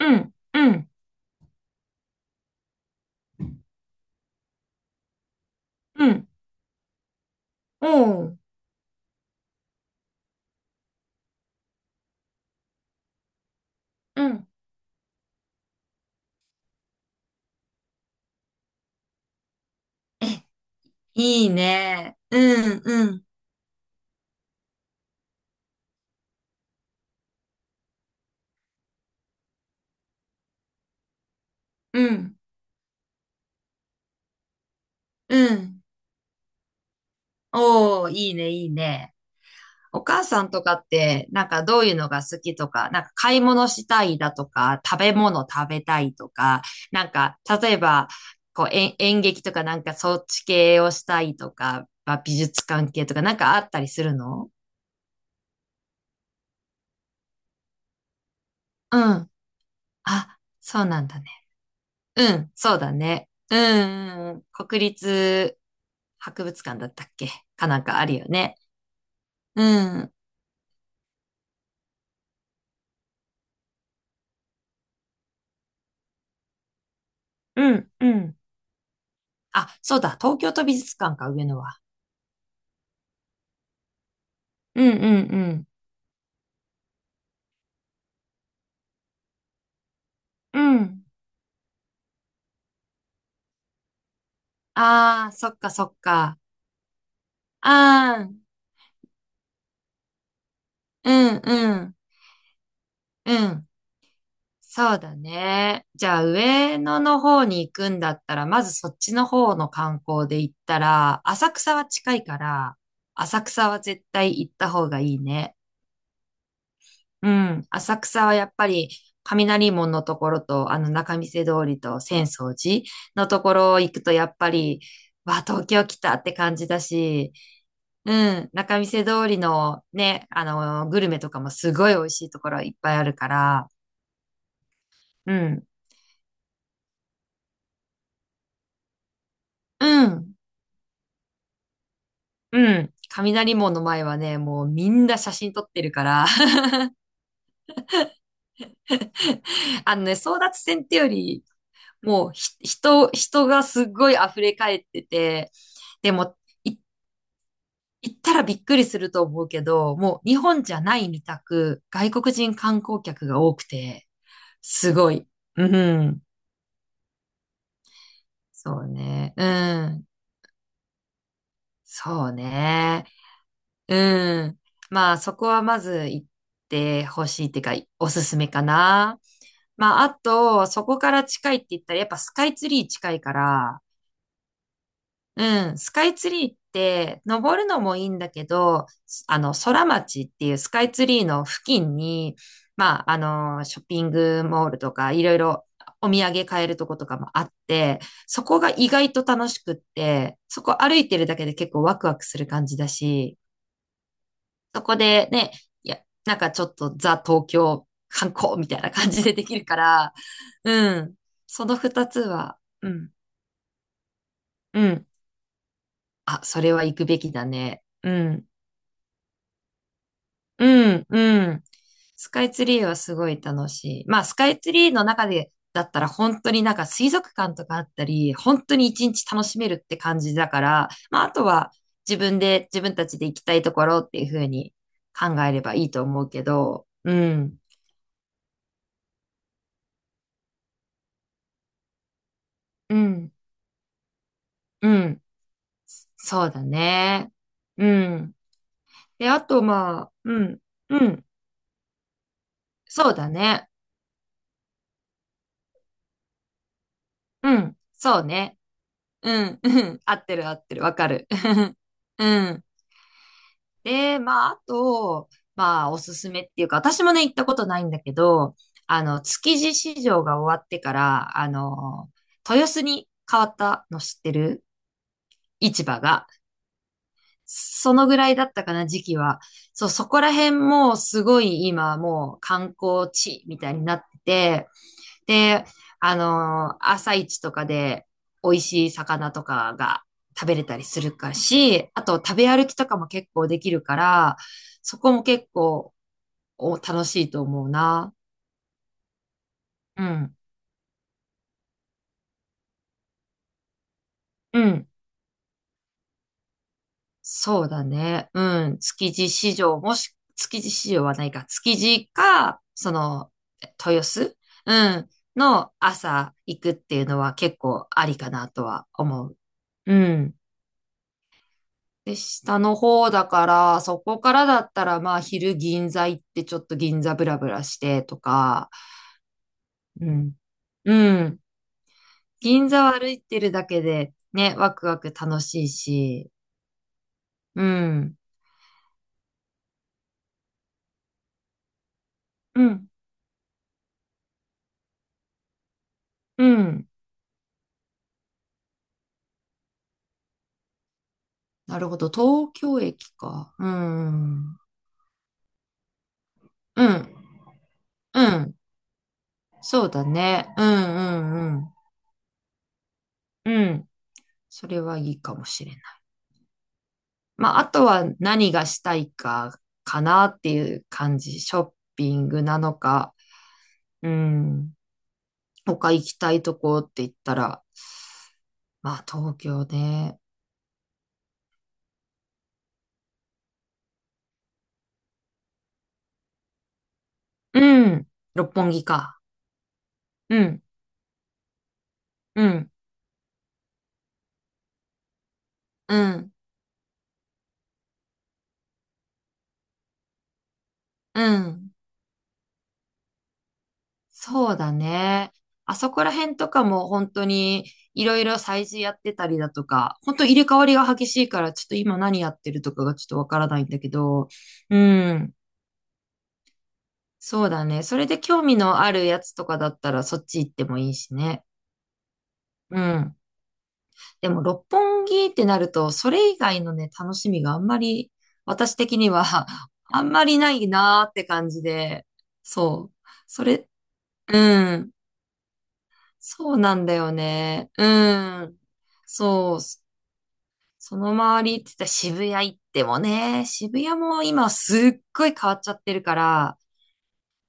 うん、うん、うん。おう。うん。え、いいね。うん、うん、うん、うん。おー、いいね、いいね。お母さんとかって、なんかどういうのが好きとか、なんか買い物したいだとか、食べ物食べたいとか、なんか、例えば、こう、演劇とかなんかそっち系をしたいとか、まあ美術関係とかなんかあったりするの？うん。あ、そうなんだね。うん、そうだね。うん、うん、国立博物館だったっけかなんかあるよね。うん、うん、うん。あ、そうだ、東京都美術館か、上野は。うん、うん、うん。うん。ああ、そっか、そっか。ああ、うん、うん、うん。そうだね。じゃあ、上野の方に行くんだったら、まずそっちの方の観光で行ったら、浅草は近いから、浅草は絶対行った方がいいね。うん。浅草はやっぱり、雷門のところと、あの仲見世通りと浅草寺のところ行くと、やっぱり、わあ、東京来たって感じだし、うん、仲見世通りのね、あの、グルメとかもすごい美味しいところいっぱいあるから、うん、うん、うん。雷門の前はね、もうみんな写真撮ってるから、あのね、争奪戦ってより、もう人がすっごい溢れ返ってて、でも、行ったらびっくりすると思うけど、もう日本じゃないみたく、外国人観光客が多くて、すごい。うん。そうね。うん。そうね。うん。まあ、そこはまず行ってほしいっていうか、おすすめかな。まあ、あと、そこから近いって言ったら、やっぱスカイツリー近いから、うん、スカイツリーって、登るのもいいんだけど、あの、空町っていうスカイツリーの付近に、まあ、あの、ショッピングモールとか、いろいろお土産買えるとことかもあって、そこが意外と楽しくって、そこ歩いてるだけで結構ワクワクする感じだし、そこでね、いや、なんかちょっとザ東京観光みたいな感じでできるから、うん、その二つは、うん、うん、あ、それは行くべきだね。うん。うん、うん。スカイツリーはすごい楽しい。まあ、スカイツリーの中で、だったら本当になんか水族館とかあったり、本当に一日楽しめるって感じだから、まあ、あとは自分で、自分たちで行きたいところっていうふうに考えればいいと思うけど、うん、うん、うん、そうだね。うん。で、あとまあ、うん、うん、そうだね。うん、そうね。うん、うん、合ってる合ってる、わかる。うん。で、まあ、あと、まあ、おすすめっていうか、私もね、行ったことないんだけど、あの、築地市場が終わってから、あの、豊洲に変わったの知ってる？市場が。そのぐらいだったかな、時期は。そう、そこら辺もすごい今もう観光地みたいになってて、で、朝市とかで美味しい魚とかが食べれたりするかし、あと食べ歩きとかも結構できるから、そこも結構お楽しいと思うな。うん。うん。そうだね。うん。築地市場、もし、築地市場はないか。築地か、その、豊洲、うん、の朝行くっていうのは結構ありかなとは思う。うん。で、下の方だから、そこからだったら、まあ、昼銀座行ってちょっと銀座ブラブラしてとか、うん。うん。銀座を歩いてるだけで、ね、ワクワク楽しいし、うん。うん。うん。なるほど。東京駅か。うん。うん。うん。そうだね。うんうんうん。うん。それはいいかもしれない。まあ、あとは何がしたいかかなっていう感じ。ショッピングなのか、うん。他行きたいとこって言ったら、まあ、東京ね。うん。六本木か。うん。うん。うん。うん。そうだね。あそこら辺とかも本当にいろいろ催事やってたりだとか、本当入れ替わりが激しいからちょっと今何やってるとかがちょっとわからないんだけど、うん。そうだね。それで興味のあるやつとかだったらそっち行ってもいいしね。うん。でも六本木ってなると、それ以外のね、楽しみがあんまり、私的には あんまりないなーって感じで、そう。それ、うん。そうなんだよね。うん。そう。その周りって言ったら渋谷行ってもね、渋谷も今すっごい変わっちゃってるから、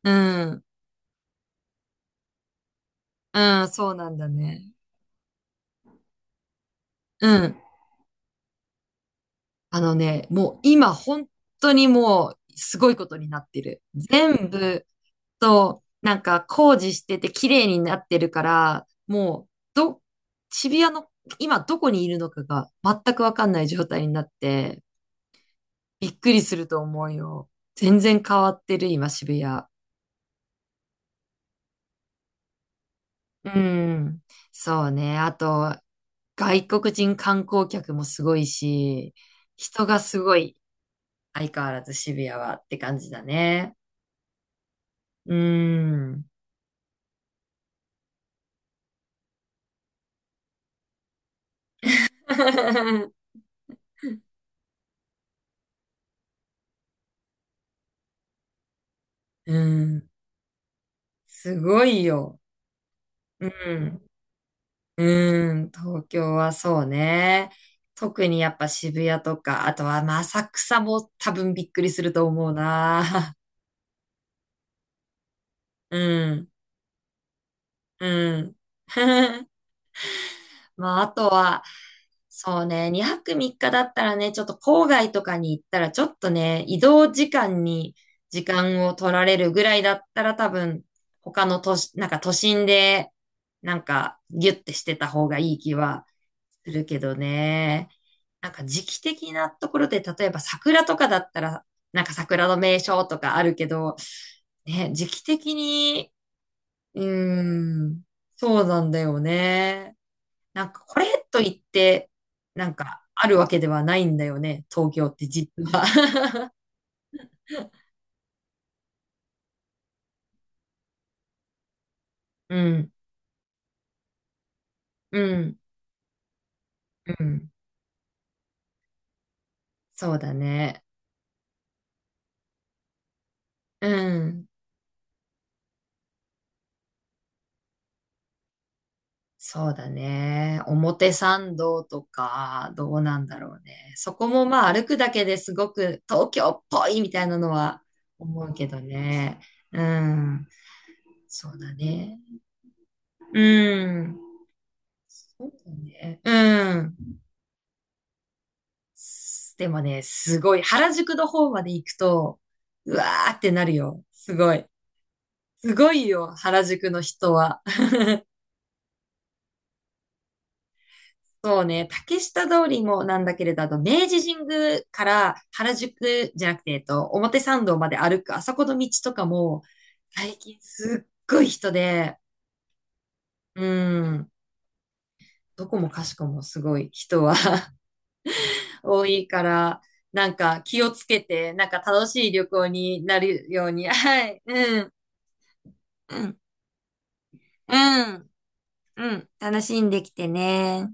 うん。うん、そうなんだね。うん。あのね、もう今本当にもうすごいことになってる。全部となんか工事してて綺麗になってるから、もうど、渋谷の今どこにいるのかが全くわかんない状態になって、びっくりすると思うよ。全然変わってる、今、渋谷。うん。そうね。あと、外国人観光客もすごいし、人がすごい、相変わらず渋谷はって感じだね。うん。うん。すごいよ。うん。うん。東京はそうね。特にやっぱ渋谷とか、あとはまあ浅草も多分びっくりすると思うな。うん。うん。まあ、あとは、そうね、2泊3日だったらね、ちょっと郊外とかに行ったら、ちょっとね、移動時間に時間を取られるぐらいだったら、多分、他の都市、なんか都心で、なんか、ギュッてしてた方がいい気はするけどね。なんか時期的なところで、例えば桜とかだったら、なんか桜の名所とかあるけど、ね、時期的に、うーん。そうなんだよね。なんか、これといって、なんか、あるわけではないんだよね、東京って実は。うん、うん、うん。そうだね。うん。そうだね。表参道とか、どうなんだろうね。そこもまあ歩くだけですごく東京っぽいみたいなのは思うけどね。うん。そうだね。うん。そうだね。うん。すでもね、すごい。原宿の方まで行くと、うわーってなるよ。すごい。すごいよ、原宿の人は。そうね、竹下通りもなんだけれど、あと明治神宮から原宿じゃなくて、表参道まで歩く、あそこの道とかも、最近すっごい人で、うん、どこもかしこもすごい人は 多いから、なんか気をつけて、なんか楽しい旅行になるように、はい、うん、うん、うん。うん、楽しんできてね。